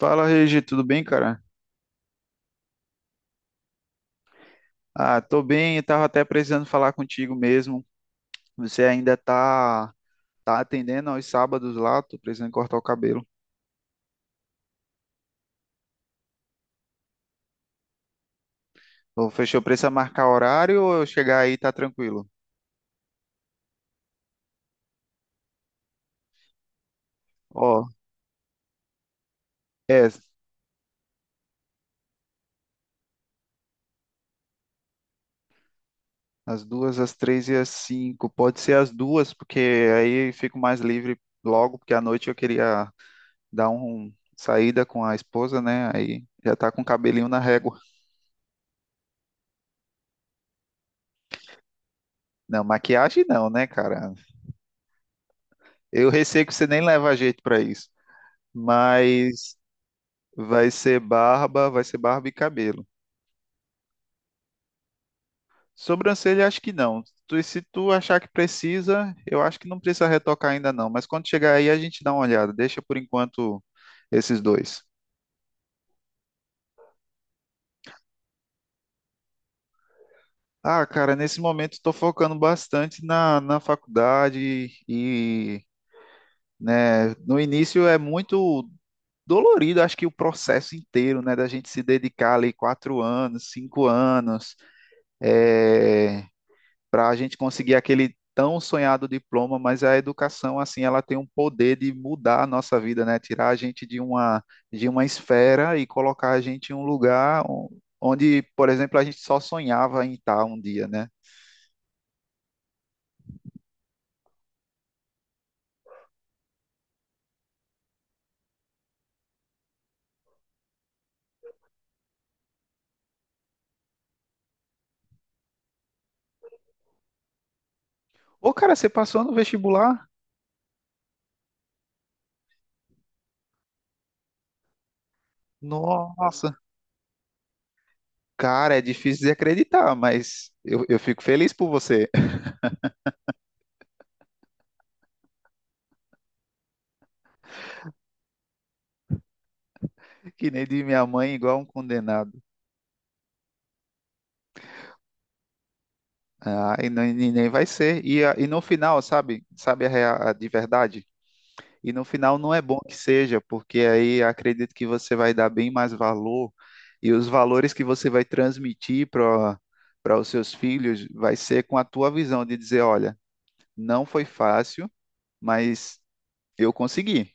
Fala, Regi, tudo bem, cara? Ah, tô bem, eu tava até precisando falar contigo mesmo. Você ainda tá atendendo aos sábados lá? Tô precisando cortar o cabelo. Ou fechou, precisa marcar horário ou eu chegar aí tá tranquilo? Ó, é, às duas, às três e às cinco. Pode ser às duas, porque aí eu fico mais livre logo, porque à noite eu queria dar um saída com a esposa, né? Aí já tá com o cabelinho na régua. Não, maquiagem não, né, cara? Eu receio que você nem leva jeito pra isso. Mas vai ser barba e cabelo. Sobrancelha, acho que não. Se tu achar que precisa, eu acho que não precisa retocar ainda não, mas quando chegar aí a gente dá uma olhada. Deixa por enquanto esses dois. Ah, cara, nesse momento estou focando bastante na faculdade e, né, no início é muito dolorido, acho que o processo inteiro, né, da gente se dedicar ali 4 anos, 5 anos, é, para a gente conseguir aquele tão sonhado diploma, mas a educação, assim, ela tem um poder de mudar a nossa vida, né? Tirar a gente de uma esfera e colocar a gente em um lugar onde, por exemplo, a gente só sonhava em estar um dia, né? Ô, cara, você passou no vestibular? Nossa, cara, é difícil de acreditar, mas eu fico feliz por você. Que nem de minha mãe, igual um condenado. Ah, e nem vai ser. E no final, sabe? Sabe a de verdade? E no final não é bom que seja, porque aí acredito que você vai dar bem mais valor e os valores que você vai transmitir para os seus filhos vai ser com a tua visão de dizer, olha, não foi fácil, mas eu consegui.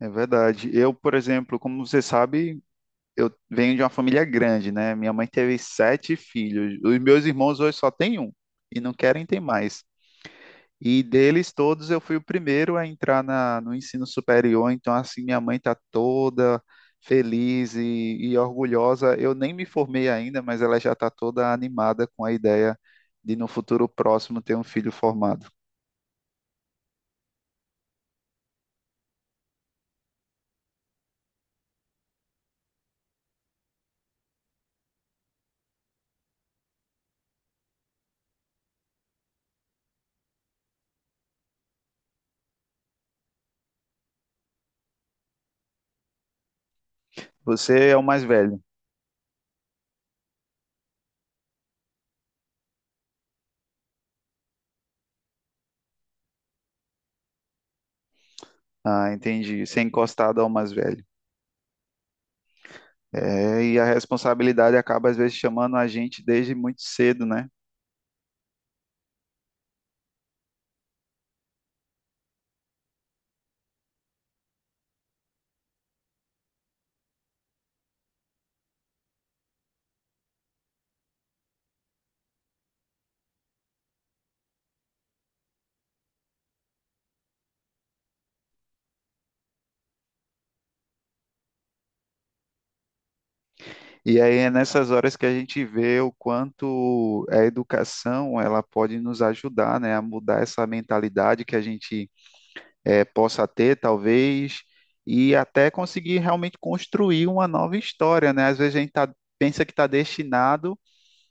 É verdade. Eu, por exemplo, como você sabe, eu venho de uma família grande, né? Minha mãe teve sete filhos. Os meus irmãos hoje só têm um e não querem ter mais. E deles todos eu fui o primeiro a entrar no ensino superior, então assim minha mãe está toda feliz e orgulhosa. Eu nem me formei ainda, mas ela já está toda animada com a ideia de no futuro próximo ter um filho formado. Você é o mais velho. Ah, entendi. Ser encostado ao mais velho. É, e a responsabilidade acaba às vezes chamando a gente desde muito cedo, né? E aí é nessas horas que a gente vê o quanto a educação ela pode nos ajudar, né, a mudar essa mentalidade que a gente possa ter, talvez, e até conseguir realmente construir uma nova história, né? Às vezes a gente pensa que está destinado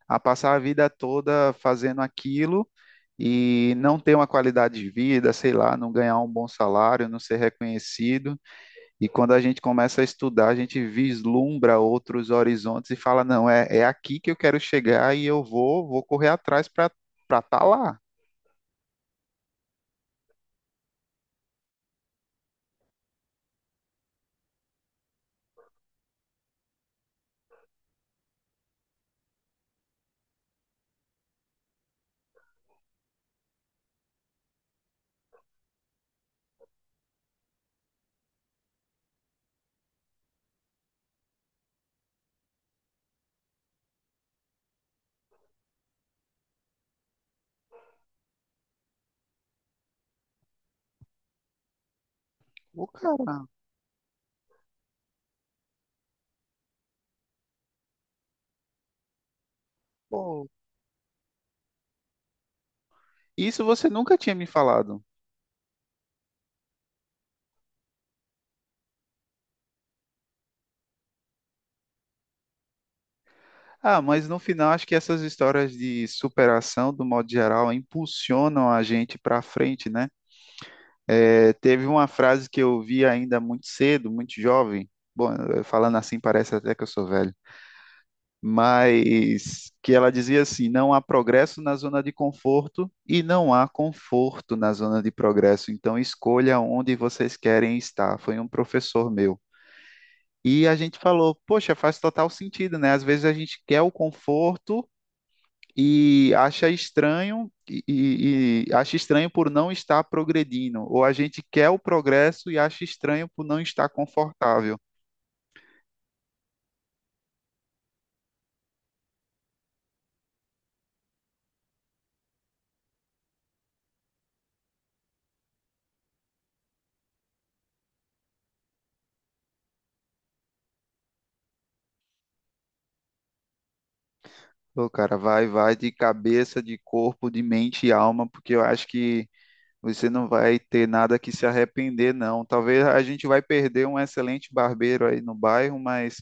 a passar a vida toda fazendo aquilo e não ter uma qualidade de vida, sei lá, não ganhar um bom salário, não ser reconhecido. E quando a gente começa a estudar, a gente vislumbra outros horizontes e fala, não, é aqui que eu quero chegar e eu vou correr atrás para estar lá. Ô, cara, pô, isso você nunca tinha me falado. Ah, mas no final acho que essas histórias de superação, do modo geral, impulsionam a gente para frente, né? É, teve uma frase que eu vi ainda muito cedo, muito jovem. Bom, falando assim parece até que eu sou velho, mas que ela dizia assim: não há progresso na zona de conforto e não há conforto na zona de progresso, então escolha onde vocês querem estar. Foi um professor meu. E a gente falou: poxa, faz total sentido, né? Às vezes a gente quer o conforto e acha estranho e acha estranho por não estar progredindo, ou a gente quer o progresso e acha estranho por não estar confortável. Pô, cara, vai de cabeça, de corpo, de mente e alma, porque eu acho que você não vai ter nada que se arrepender, não. Talvez a gente vai perder um excelente barbeiro aí no bairro, mas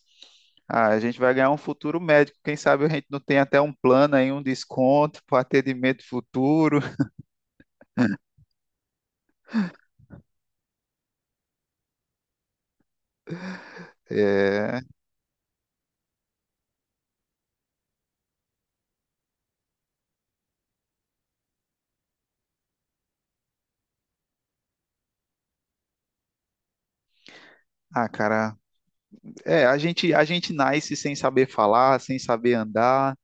ah, a gente vai ganhar um futuro médico. Quem sabe a gente não tem até um plano aí, um desconto para atendimento futuro. É, ah, cara, a gente nasce sem saber falar, sem saber andar,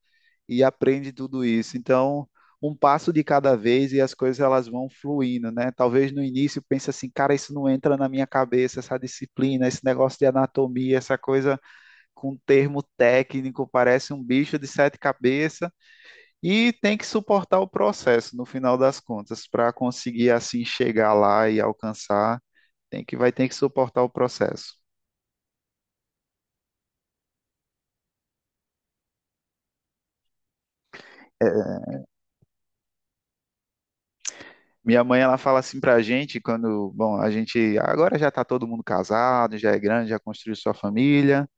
e aprende tudo isso. Então, um passo de cada vez e as coisas elas vão fluindo, né? Talvez no início pense assim, cara, isso não entra na minha cabeça, essa disciplina, esse negócio de anatomia, essa coisa com termo técnico, parece um bicho de sete cabeças e tem que suportar o processo no final das contas para conseguir assim chegar lá e alcançar, tem que vai ter que suportar o processo. Minha mãe, ela fala assim pra gente quando, bom, a gente agora já tá todo mundo casado, já é grande, já construiu sua família,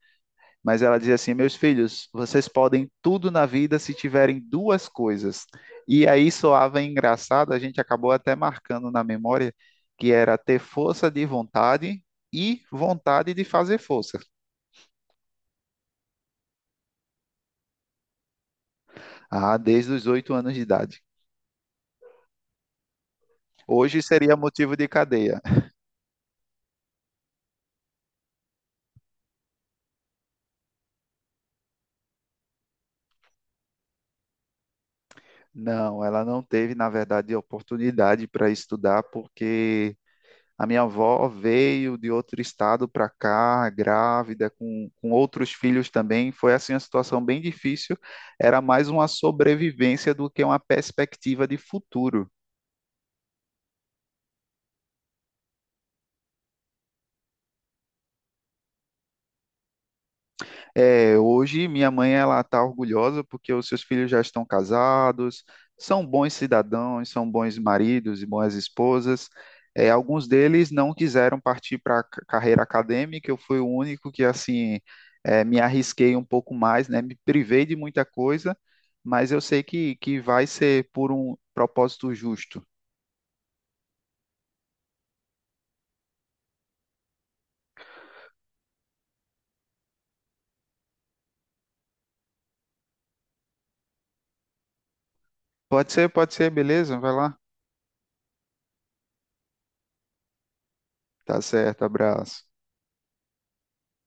mas ela diz assim: "Meus filhos, vocês podem tudo na vida se tiverem duas coisas". E aí soava engraçado, a gente acabou até marcando na memória que era ter força de vontade e vontade de fazer força. Ah, desde os 8 anos de idade. Hoje seria motivo de cadeia. Não, ela não teve, na verdade, oportunidade para estudar porque a minha avó veio de outro estado para cá, grávida, com outros filhos também. Foi assim uma situação bem difícil. Era mais uma sobrevivência do que uma perspectiva de futuro. É, hoje minha mãe ela está orgulhosa porque os seus filhos já estão casados, são bons cidadãos, são bons maridos e boas esposas. É, alguns deles não quiseram partir para a carreira acadêmica, eu fui o único que assim me arrisquei um pouco mais, né? Me privei de muita coisa, mas eu sei que vai ser por um propósito justo. Pode ser, beleza? Vai lá. Tá certo, abraço.